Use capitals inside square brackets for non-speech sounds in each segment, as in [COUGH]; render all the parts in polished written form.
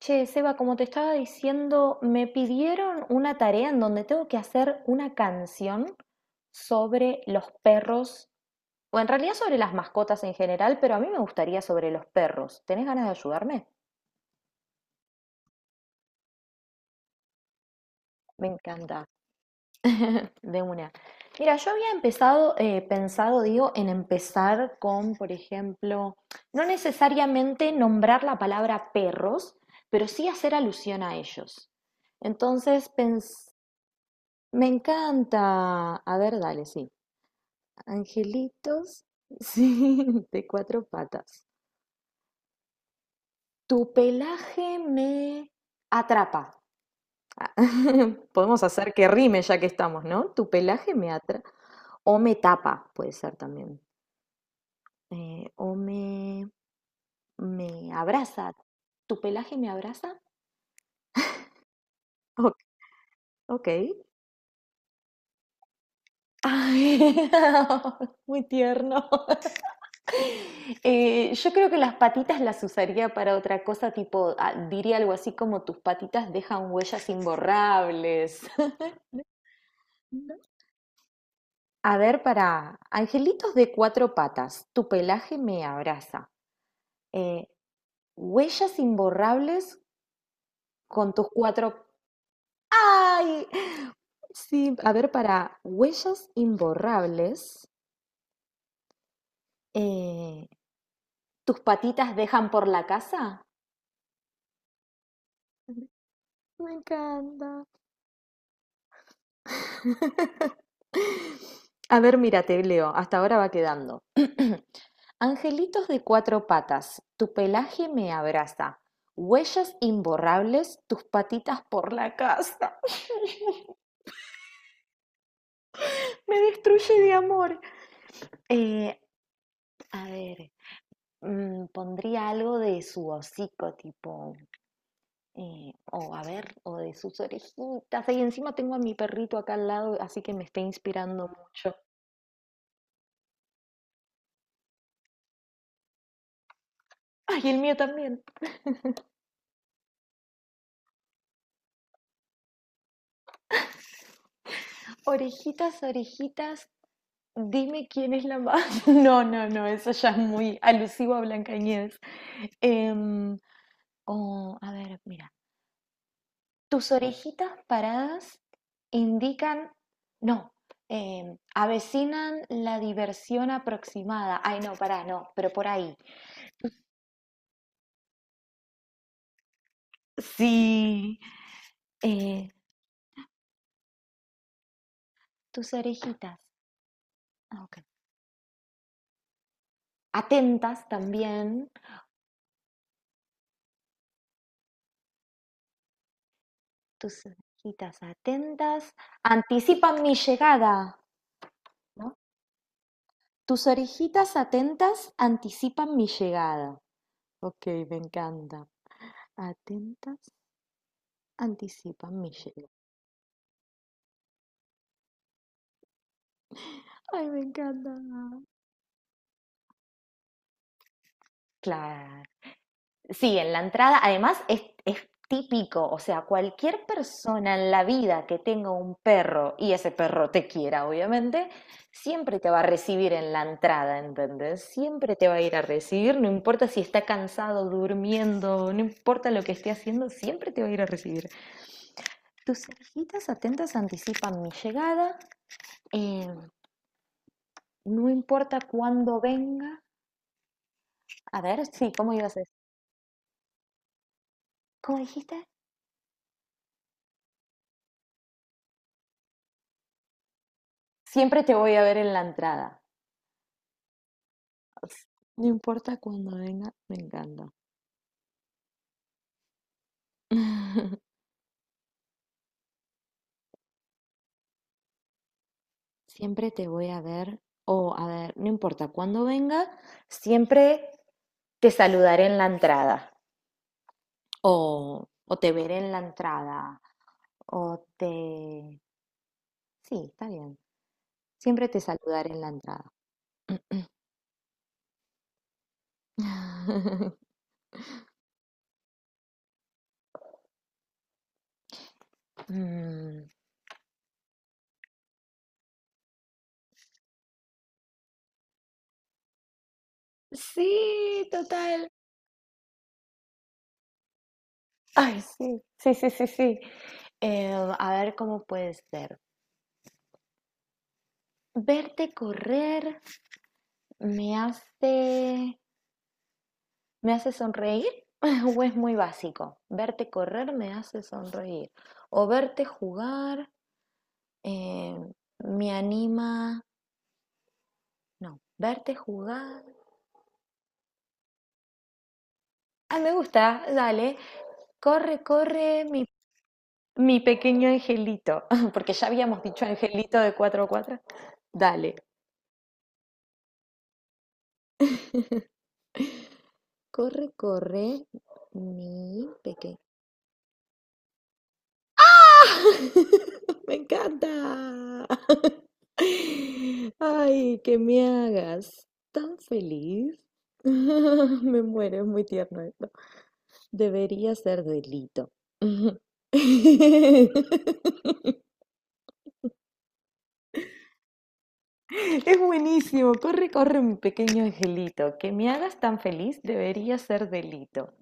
Che, Seba, como te estaba diciendo, me pidieron una tarea en donde tengo que hacer una canción sobre los perros, o en realidad sobre las mascotas en general, pero a mí me gustaría sobre los perros. ¿Tenés ganas de ayudarme? Me encanta. [LAUGHS] De una. Mira, yo había empezado, pensado, digo, en empezar con, por ejemplo, no necesariamente nombrar la palabra perros, pero sí hacer alusión a ellos. Entonces, me encanta. A ver, dale, sí. Angelitos, [LAUGHS] sí, de cuatro patas. Tu pelaje me atrapa. Ah, [LAUGHS] podemos hacer que rime ya que estamos, ¿no? Tu pelaje me atrapa. O me tapa, puede ser también. O me abraza. ¿Tu pelaje me abraza? Ok. Ok. Ay, [LAUGHS] muy tierno. Yo creo que las patitas las usaría para otra cosa, tipo, ah, diría algo así como tus patitas dejan huellas imborrables. [LAUGHS] A ver, para angelitos de cuatro patas, tu pelaje me abraza. Eh, Huellas imborrables con tus cuatro... ¡Ay! Sí, a ver, para huellas imborrables, eh, ¿tus patitas dejan por la casa? Me encanta. A ver, mira, te leo, hasta ahora va quedando. [CLEARS THROAT] Angelitos de cuatro patas, tu pelaje me abraza. Huellas imborrables, tus patitas por la casa. [LAUGHS] Me destruye de amor. Eh, a ver, mm, pondría algo de su hocico, tipo, o a ver, o de sus orejitas. Y encima tengo a mi perrito acá al lado, así que me está inspirando mucho. Ay, el mío también. Orejitas, orejitas, dime quién es la más. [LAUGHS] No, no, no, eso ya es muy alusivo a Blancanieves. Em, oh, a ver, mira. Tus orejitas paradas indican. No, avecinan la diversión aproximada. Ay, no, pará, no, pero por ahí. Sí. eh, Tus orejitas. Ah, ok. Atentas también. Tus orejitas atentas anticipan mi llegada. ¿No? Tus orejitas atentas anticipan mi llegada. Ok, me encanta. Atentas anticipan mi llegada. Ay, me encanta. Claro. Sí, en la entrada, además es típico, o sea, cualquier persona en la vida que tenga un perro y ese perro te quiera, obviamente, siempre te va a recibir en la entrada, ¿entendés? Siempre te va a ir a recibir, no importa si está cansado, durmiendo, no importa lo que esté haciendo, siempre te va a ir a recibir. Tus orejitas atentas anticipan mi llegada. eh, no importa cuándo venga. A ver, sí, ¿cómo ibas a decir? ¿Cómo dijiste? Siempre te voy a ver en la entrada. No importa cuándo venga, me encanta. [LAUGHS] Siempre te voy a ver. O, a ver, no importa cuándo venga, siempre te saludaré en la entrada. O te veré en la entrada. O te... Sí, está bien. Siempre te saludaré en la entrada. [CLEARS THROAT] [LAUGHS] Mm, sí, total. Ay, sí, sí, sí, sí, sí. A ver cómo puede ser. Verte correr me hace, me hace sonreír [LAUGHS] o es muy básico. Verte correr me hace sonreír. O verte jugar eh, me anima. No, verte jugar. Ah, me gusta, dale. Corre, corre, mi mi pequeño angelito, [LAUGHS] porque ya habíamos dicho angelito de cuatro a cuatro. Dale. Corre, corre, mi pequeño. [LAUGHS] Me encanta. [LAUGHS] Ay, que me hagas tan feliz. [LAUGHS] Me muero, es muy tierno esto. Debería ser delito. [LAUGHS] Es buenísimo. Corre, corre, mi pequeño angelito. Que me hagas tan feliz debería ser delito.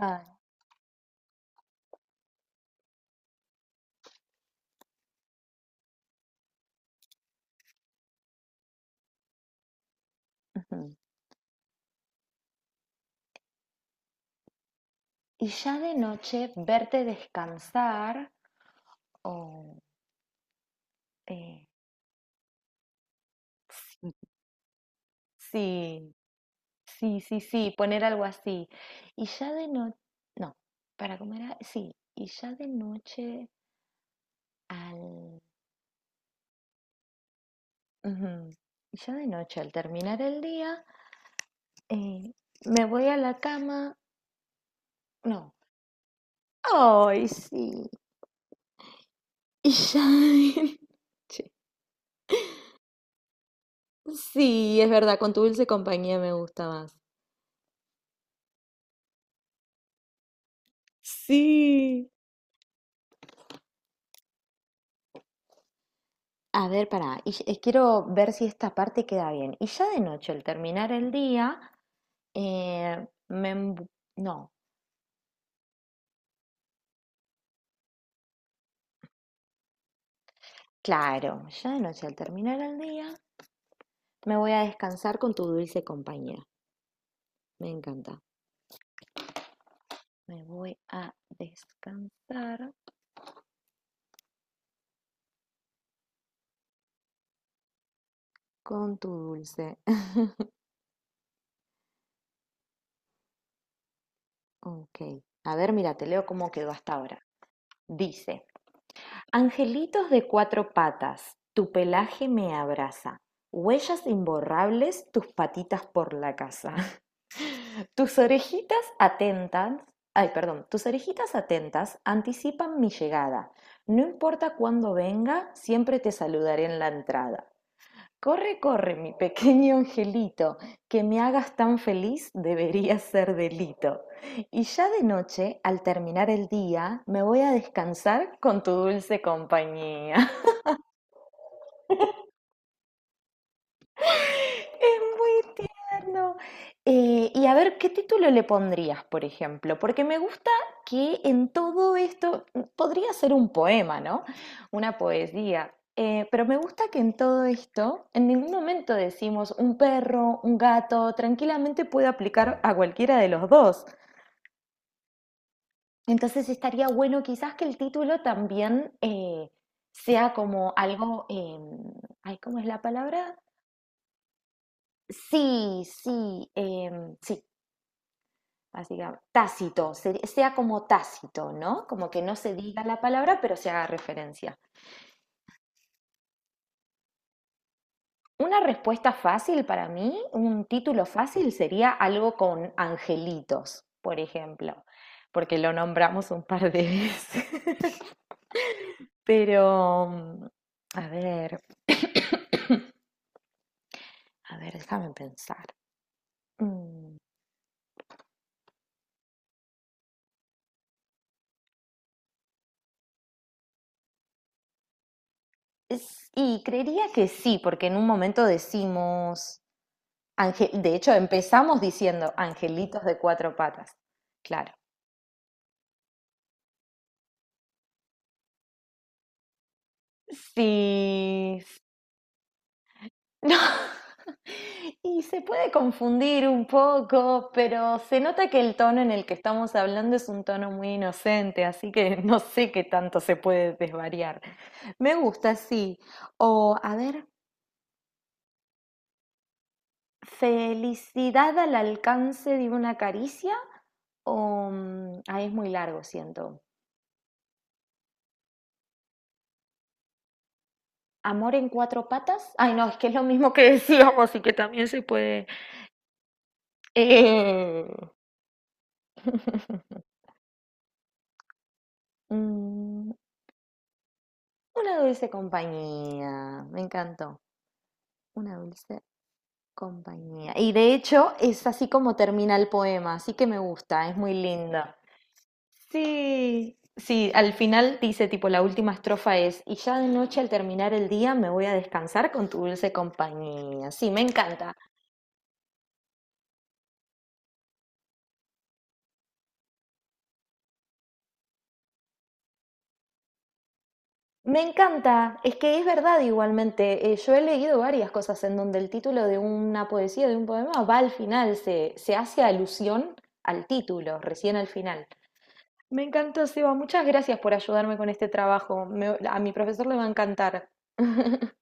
Ay, ujú. Y ya de noche verte descansar o eh, sí, sí, sí, sí, poner algo así. Y ya de noche, no, para comer, a- sí, y ya de noche al, ujú, y ya de noche al terminar el día, eh, me voy a la cama, no, ay, sí, [LAUGHS] y ya de noche. Sí, es verdad, con tu dulce compañía me gusta más. Sí. A ver, pará, y quiero ver si esta parte queda bien. Y ya de noche, al terminar el día, me... embu- No, claro, ya de noche, al terminar el día, me voy a descansar con tu dulce compañía. Me encanta. Me voy a descansar con tu dulce. [LAUGHS] Ok. A ver, mira, te leo cómo quedó hasta ahora. Dice, angelitos de cuatro patas, tu pelaje me abraza. Huellas imborrables, tus patitas por la casa. Tus orejitas atentas, ay, perdón, tus orejitas atentas anticipan mi llegada. No importa cuándo venga, siempre te saludaré en la entrada. Corre, corre, mi pequeño angelito, que me hagas tan feliz debería ser delito. Y ya de noche, al terminar el día, me voy a descansar con tu dulce compañía. Es muy tierno. Y a ver, ¿qué título le pondrías, por ejemplo? Porque me gusta que en todo esto podría ser un poema, ¿no? Una poesía. Pero me gusta que en todo esto, en ningún momento decimos un perro, un gato, tranquilamente puede aplicar a cualquiera de los dos. Entonces estaría bueno quizás que el título también sea como algo, ay, ¿cómo es la palabra? Sí, sí, em, sí, así que tácito, ser- sea como tácito, ¿no? Como que no se diga la palabra, pero se haga referencia. Una respuesta fácil para mí, un título fácil sería algo con angelitos, por ejemplo, porque lo nombramos un par de veces. [LAUGHS] Pero, mm, a ver, [COUGHS] a ver, déjame pensar. Mm, es- y creería que sí, porque en un momento decimos ange- de hecho, empezamos diciendo angelitos de cuatro patas. Claro. Sí. [LAUGHS] No. Y se puede confundir un poco, pero se nota que el tono en el que estamos hablando es un tono muy inocente, así que no sé qué tanto se puede desvariar. Me gusta, sí. O, a ver, felicidad al alcance de una caricia, o mm, ah, es muy largo, siento. Amor en cuatro patas. Ay, no, es que es lo mismo que [LAUGHS] decíamos y que también se puede. Eh, [LAUGHS] mm, una dulce compañía. Me encantó. Una dulce compañía. Y de hecho es así como termina el poema, así que me gusta, es muy linda. Sí. Sí, al final dice tipo la última estrofa es, y ya de noche al terminar el día me voy a descansar con tu dulce compañía. Sí, me encanta. Me encanta, es que es verdad igualmente. Yo he leído varias cosas en donde el título de una poesía, de un poema, va al final, se hace alusión al título, recién al final. Me encantó, Seba, muchas gracias por ayudarme con este trabajo. Me- a mi profesor le va a encantar. [LAUGHS]